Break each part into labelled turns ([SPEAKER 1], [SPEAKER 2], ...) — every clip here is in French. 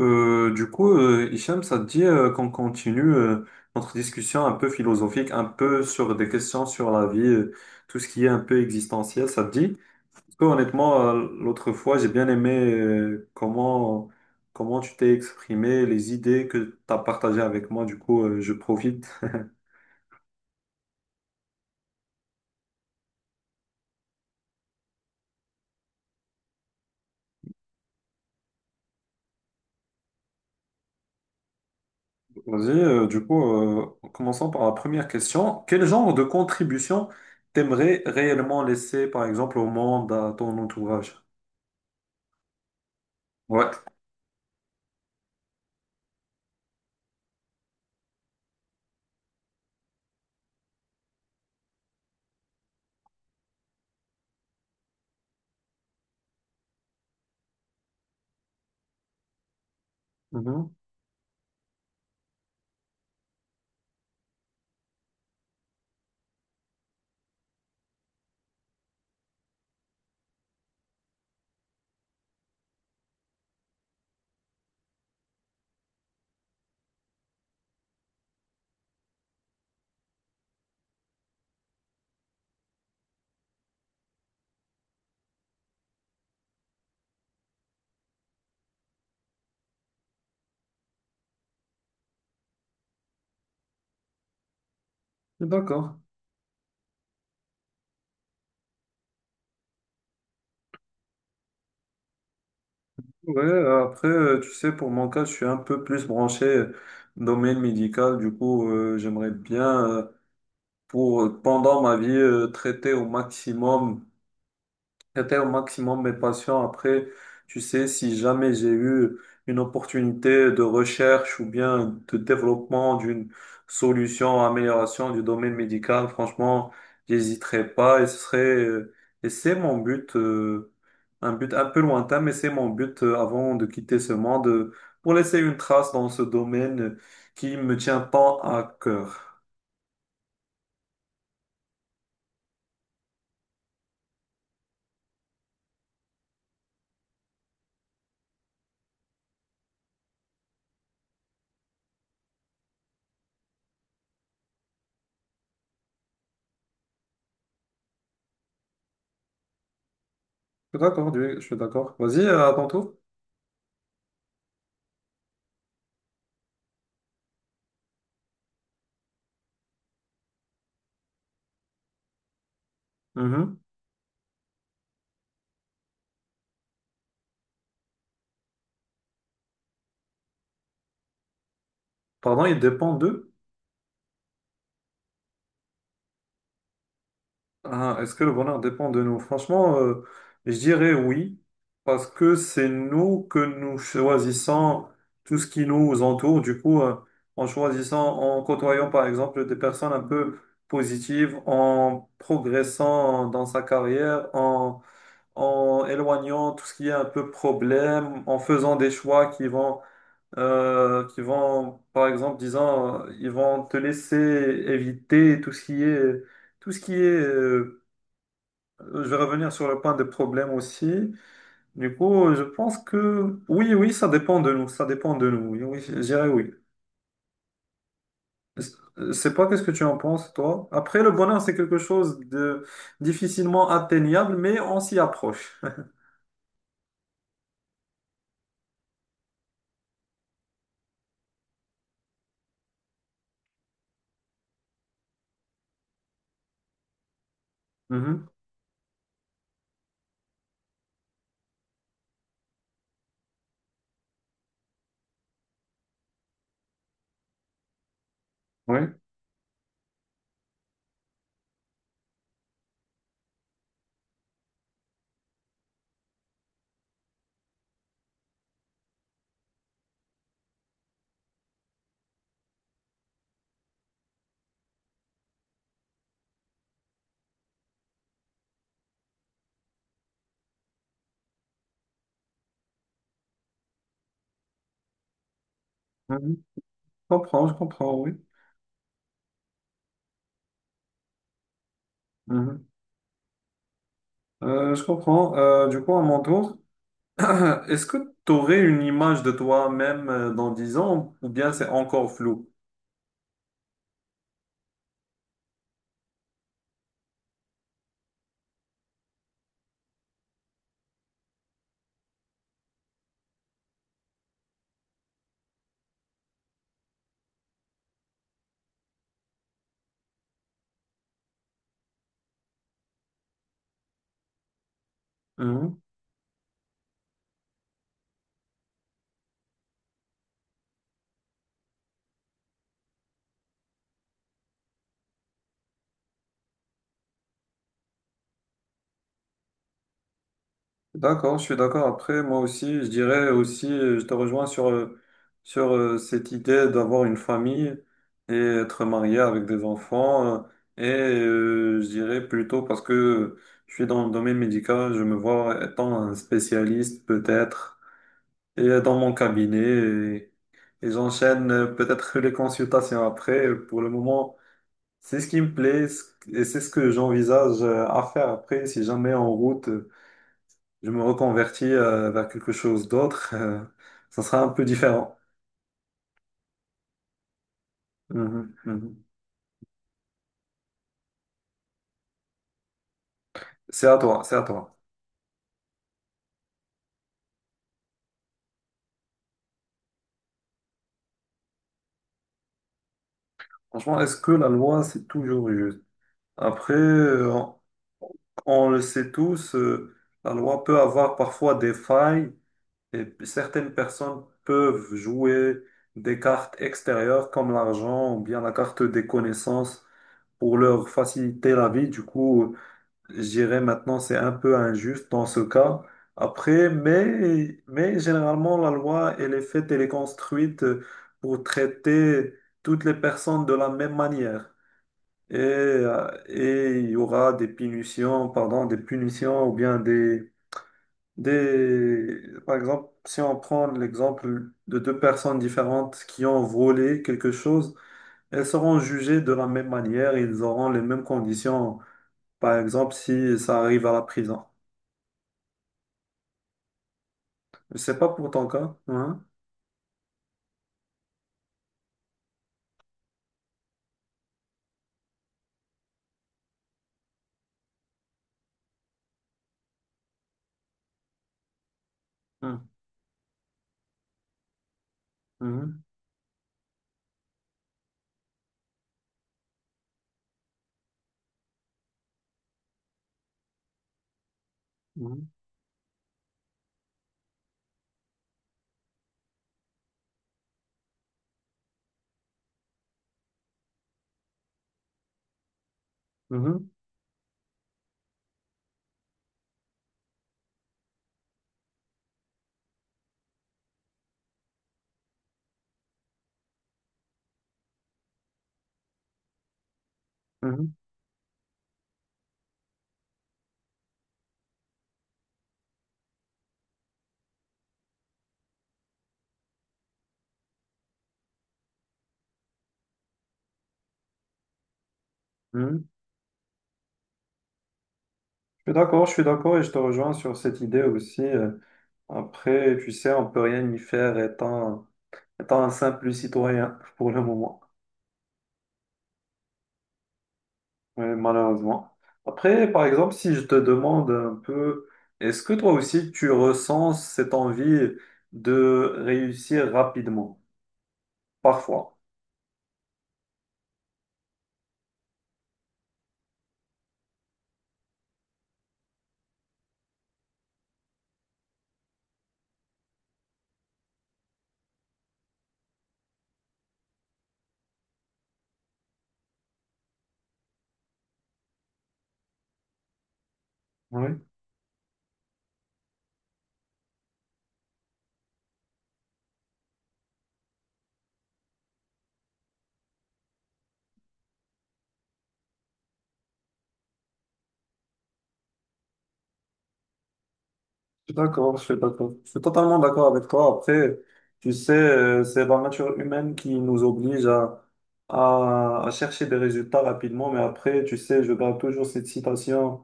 [SPEAKER 1] Hicham, ça te dit qu'on continue notre discussion un peu philosophique, un peu sur des questions sur la vie, tout ce qui est un peu existentiel, ça te dit? Parce que honnêtement, l'autre fois, j'ai bien aimé comment tu t'es exprimé, les idées que tu as partagées avec moi, du coup, je profite. Vas-y, euh, commençons par la première question. Quel genre de contribution t'aimerais réellement laisser, par exemple, au monde, à ton entourage? Ouais. Mhm. D'accord. Ouais, après, tu sais, pour mon cas, je suis un peu plus branché domaine médical. Du coup, j'aimerais bien, pour, pendant ma vie, traiter au maximum J'étais au maximum mes passions. Après, tu sais, si jamais j'ai eu une opportunité de recherche ou bien de développement d'une solution, amélioration du domaine médical, franchement, j'hésiterai pas et ce serait, euh, et c'est mon but, un but un peu lointain, mais c'est mon but avant de quitter ce monde, pour laisser une trace dans ce domaine qui me tient tant à cœur. Je suis d'accord, Dieu, je suis d'accord. Vas-y, à ton tour. Mhm. Pardon, il dépend d'eux. Ah, est-ce que le bonheur dépend de nous? Franchement, je dirais oui, parce que c'est nous que nous choisissons tout ce qui nous entoure. Du coup, en choisissant, en côtoyant par exemple des personnes un peu positives, en progressant dans sa carrière, en, en éloignant tout ce qui est un peu problème, en faisant des choix qui vont, par exemple, disant, ils vont te laisser éviter tout ce qui est, tout ce qui est euh, Je vais revenir sur le point des problèmes aussi. Du coup, je pense que oui, oui, ça dépend de nous. Ça dépend de nous. Oui, oui, je dirais oui. Je sais pas qu'est-ce que tu en penses, toi. Après, le bonheur, c'est quelque chose de difficilement atteignable, mais on s'y approche. Mhm. Oui, Mhm. Je comprends, oui. Mhm. Je comprends. Du coup, à mon tour, est-ce que tu aurais une image de toi-même dans 10 ans ou bien c'est encore flou? Mhm. D'accord, je suis d'accord. Après, moi aussi, je dirais aussi, je te rejoins sur, sur cette idée d'avoir une famille et être marié avec des enfants. Et je dirais plutôt parce que je suis dans le domaine médical, je me vois étant un spécialiste peut-être et dans mon cabinet. Et j'enchaîne peut-être les consultations après. Pour le moment, c'est ce qui me plaît ce- et c'est ce que j'envisage à faire après si jamais en route je me reconvertis vers quelque chose d'autre, ça sera un peu différent. Mhm, mhm. C'est à toi, c'est à toi. Franchement, est-ce que la loi, c'est toujours juste? Après, on le sait tous, la loi peut avoir parfois des failles et p- certaines personnes peuvent jouer des cartes extérieures comme l'argent ou bien la carte des connaissances pour leur faciliter la vie. Du coup, Je dirais maintenant c'est un peu injuste dans ce cas. Après, mais généralement la loi, elle est faite, elle est construite pour traiter toutes les personnes de la même manière. Et il y aura des punitions, pardon, des punitions ou bien des... Par exemple, si on prend l'exemple de deux personnes différentes qui ont volé quelque chose, elles seront jugées de la même manière, ils auront les mêmes conditions, par exemple, si ça arrive à la prison. C'est pas pour ton cas. Hein? Hein? Mhm. Mhm. Mhm. Mhm. Mhm. Je suis d'accord et je te rejoins sur cette idée aussi. Après, tu sais, on peut rien y faire étant, étant un simple citoyen pour le moment, Ouais, malheureusement. Après, par exemple, si je te demande un peu, est-ce que toi aussi tu ressens cette envie de réussir rapidement, parfois? Oui. Je suis D'accord, je suis d'accord. Je suis totalement d'accord avec toi. Après, tu sais, c'est la nature humaine qui nous oblige à chercher des résultats rapidement. Mais après, tu sais, je garde toujours cette citation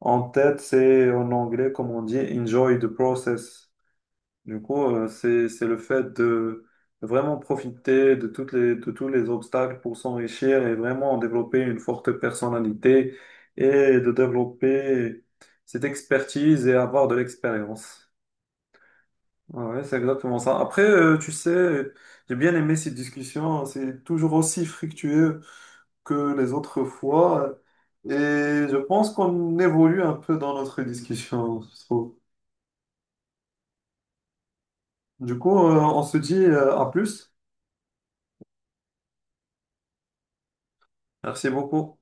[SPEAKER 1] en tête. C'est en anglais, comme on dit, enjoy the process. Du coup, c'est le fait de vraiment profiter de toutes les, de tous les obstacles pour s'enrichir et vraiment développer une forte personnalité et de développer cette expertise et avoir de l'expérience. Ah Ouais, c'est exactement ça. Après, tu sais, j'ai bien aimé cette discussion. Hein. C'est toujours aussi fructueux que les autres fois. Et je pense qu'on évolue un peu dans notre discussion, je trouve. Du coup, on se dit, à plus. Merci beaucoup.